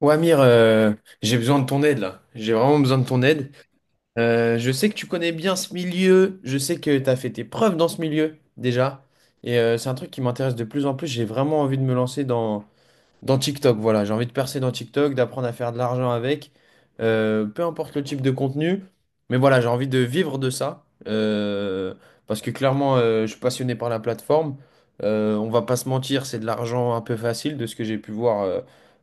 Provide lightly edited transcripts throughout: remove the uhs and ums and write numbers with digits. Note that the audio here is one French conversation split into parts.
Ouais, Amir, j'ai besoin de ton aide là. J'ai vraiment besoin de ton aide. Je sais que tu connais bien ce milieu. Je sais que tu as fait tes preuves dans ce milieu déjà. Et c'est un truc qui m'intéresse de plus en plus. J'ai vraiment envie de me lancer dans TikTok, voilà, j'ai envie de percer dans TikTok, d'apprendre à faire de l'argent avec, peu importe le type de contenu, mais voilà, j'ai envie de vivre de ça, parce que clairement, je suis passionné par la plateforme. On va pas se mentir, c'est de l'argent un peu facile de ce que j'ai pu voir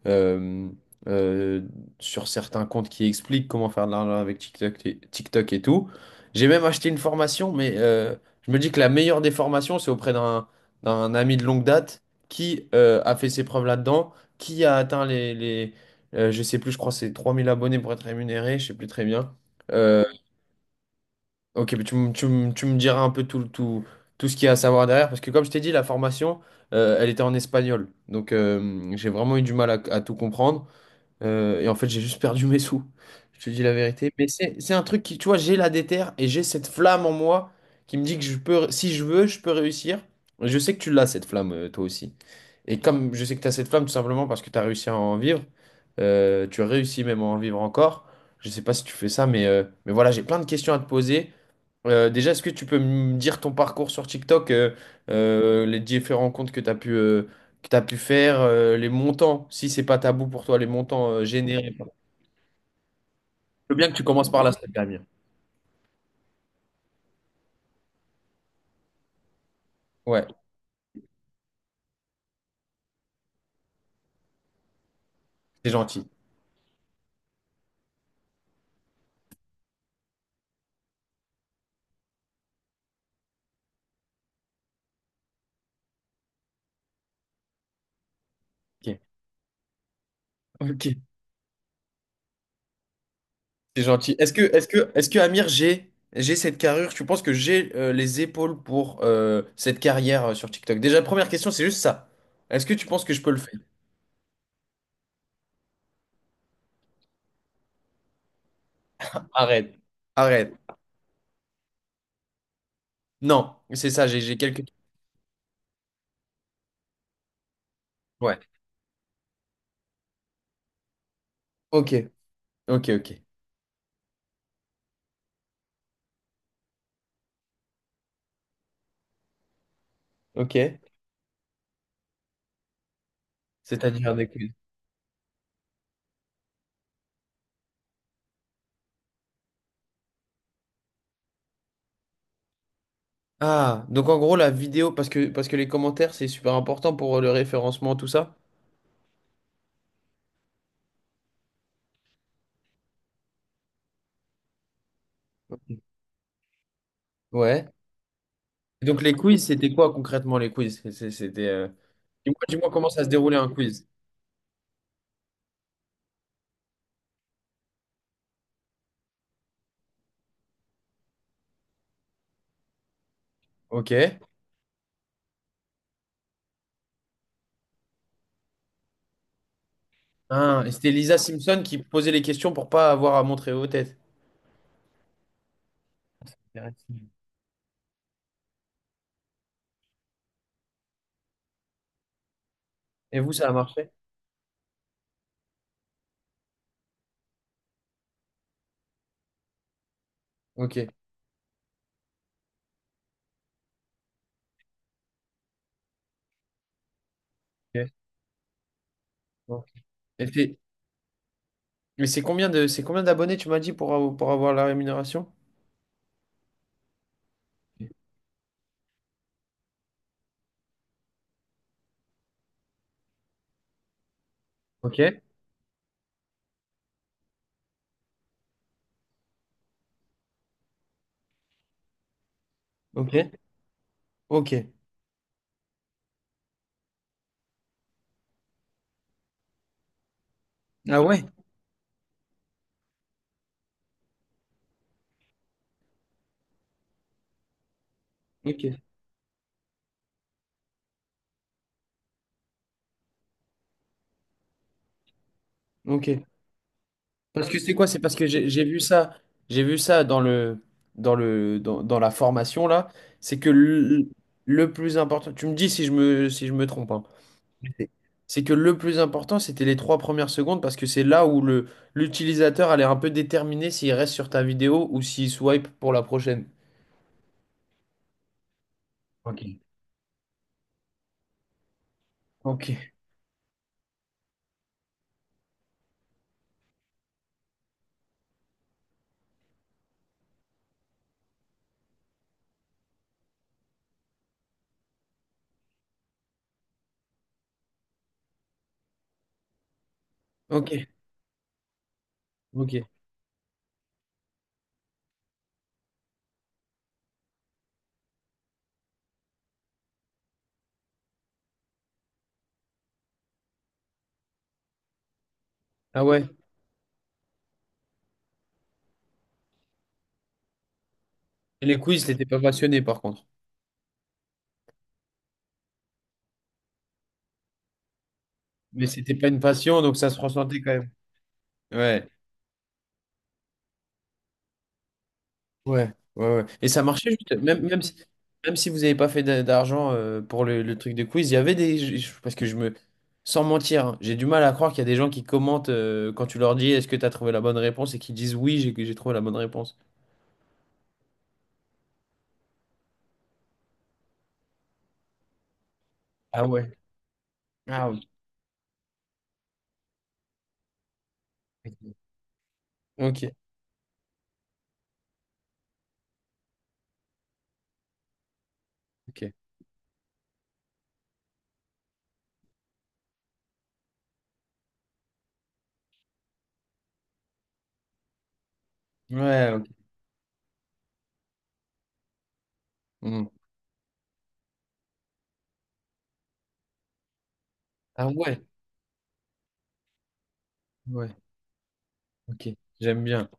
euh, euh, sur certains comptes qui expliquent comment faire de l'argent avec TikTok TikTok et tout. J'ai même acheté une formation, mais je me dis que la meilleure des formations, c'est auprès d'un ami de longue date qui a fait ses preuves là-dedans, qui a atteint les, je sais plus, je crois que c'est 3 000 abonnés pour être rémunéré, je sais plus très bien. Euh, ok, mais tu me diras un peu tout ce qu'il y a à savoir derrière, parce que comme je t'ai dit, la formation, elle était en espagnol, donc j'ai vraiment eu du mal à tout comprendre. Et en fait, j'ai juste perdu mes sous. Je te dis la vérité. Mais c'est un truc qui, tu vois, j'ai la déterre et j'ai cette flamme en moi qui me dit que je peux, si je veux, je peux réussir. Et je sais que tu l'as, cette flamme, toi aussi. Et comme je sais que tu as cette flamme, tout simplement parce que tu as réussi à en vivre, tu as réussi même à en vivre encore. Je sais pas si tu fais ça, mais voilà, j'ai plein de questions à te poser. Déjà, est-ce que tu peux me dire ton parcours sur TikTok, les différents comptes que tu as pu, que tu pu faire, les montants, si c'est pas tabou pour toi, les montants générés. Je veux bien que tu commences par là, s'il Amir. Ouais, c'est gentil. Ok. Ok. C'est gentil. Est-ce que Amir, j'ai cette carrure? Tu penses que j'ai les épaules pour cette carrière sur TikTok? Déjà, première question, c'est juste ça. Est-ce que tu penses que je peux le faire? Arrête. Arrête. Non, c'est ça, j'ai quelques... Ouais. Ok. Ok, ok. Ok. C'est-à-dire des quiz. Ah, donc en gros, la vidéo, parce que les commentaires, c'est super important pour le référencement, tout ça. Ouais. Donc les quiz, c'était quoi concrètement les quiz? C'était… Dis-moi, dis-moi comment ça se déroulait un quiz. Ok. Ah, et c'était Lisa Simpson qui posait les questions pour pas avoir à montrer vos têtes. Intéressant. Et vous, ça a marché? Ok. Ok. Bon. Et t'es- mais c'est combien de, c'est combien d'abonnés, tu m'as dit, pour avoir la rémunération? Ok. Ok. Ok. Ah ouais? Ok. Ok. Parce que c'est quoi? C'est parce que j'ai vu ça dans la formation là. C'est que le, le plus important, tu me dis si je me trompe, hein. C'est c'est que le plus important, c'était les trois premières secondes parce que c'est là où l'utilisateur allait un peu déterminer s'il reste sur ta vidéo ou s'il swipe pour la prochaine. Ok. Ok, ok, ok. Ah ouais. Et les quiz, t'étais pas passionné par contre. Mais c'était pas une passion, donc ça se ressentait quand même. Ouais. Ouais, ouais. Et ça marchait juste, même si vous n'avez pas fait d'argent pour le truc de quiz, il y avait des. Parce que je me. Sans mentir, hein, j'ai du mal à croire qu'il y a des gens qui commentent quand tu leur dis est-ce que tu as trouvé la bonne réponse et qui disent oui, j'ai trouvé la bonne réponse. Ah ouais. Ah ouais. Ok, ok. Ouais, ok. Hmm. Ah ouais, ouais, ok. J'aime bien.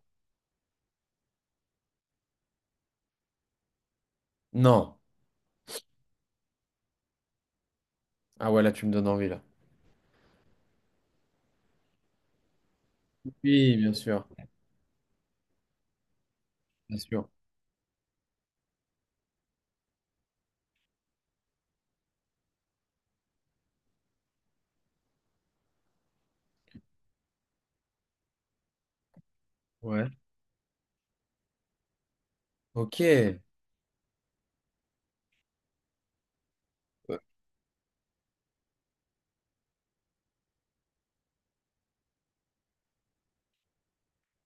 Non. Ah ouais, là, tu me donnes envie, là. Oui, bien sûr, bien sûr. Ouais. Ok.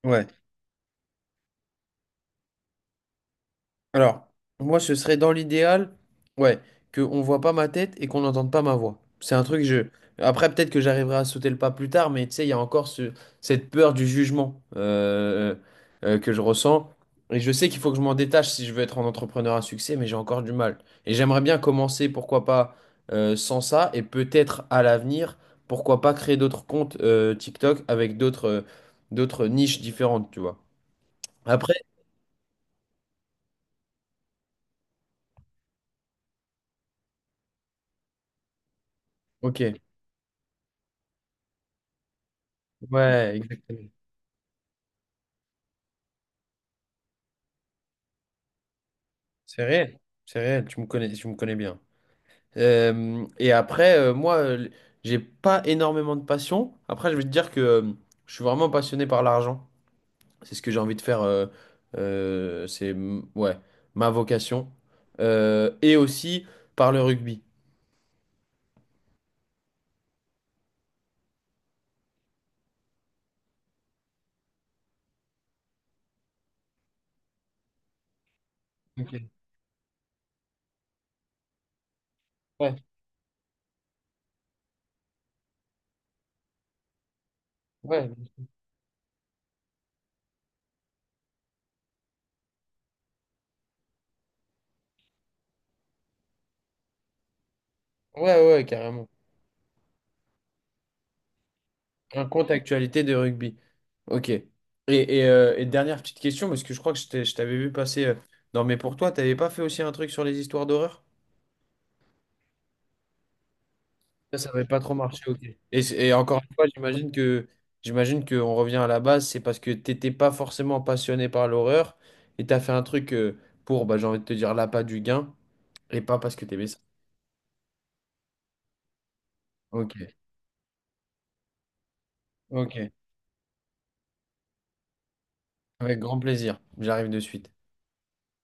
Ouais. Alors, moi, ce serait dans l'idéal, ouais, qu'on voit pas ma tête et qu'on n'entende pas ma voix. C'est un truc, je... Après, peut-être que j'arriverai à sauter le pas plus tard, mais tu sais, il y a encore cette peur du jugement que je ressens. Et je sais qu'il faut que je m'en détache si je veux être un entrepreneur à succès, mais j'ai encore du mal. Et j'aimerais bien commencer, pourquoi pas, sans ça, et peut-être à l'avenir, pourquoi pas créer d'autres comptes TikTok avec d'autres d'autres niches différentes, tu vois. Après, ok. Ouais, exactement. C'est réel, c'est réel, tu me connais bien. Et après, moi, j'ai pas énormément de passion. Après, je vais te dire que je suis vraiment passionné par l'argent. C'est ce que j'ai envie de faire. Ouais, ma vocation. Et aussi par le rugby. Ok. Ouais, ouais, ouais, ouais, carrément. Un compte actualité de rugby. Ok. Et, et dernière petite question, parce que je crois que je t'avais vu passer dans mes pour toi, t'avais pas fait aussi un truc sur les histoires d'horreur? Ça n'avait pas trop marché, ok. Et encore une fois, j'imagine qu'on revient à la base, c'est parce que t'étais pas forcément passionné par l'horreur et t'as fait un truc pour, bah, j'ai envie de te dire, l'appât du gain et pas parce que t'aimais ça. Ok, ok, avec grand plaisir. J'arrive de suite.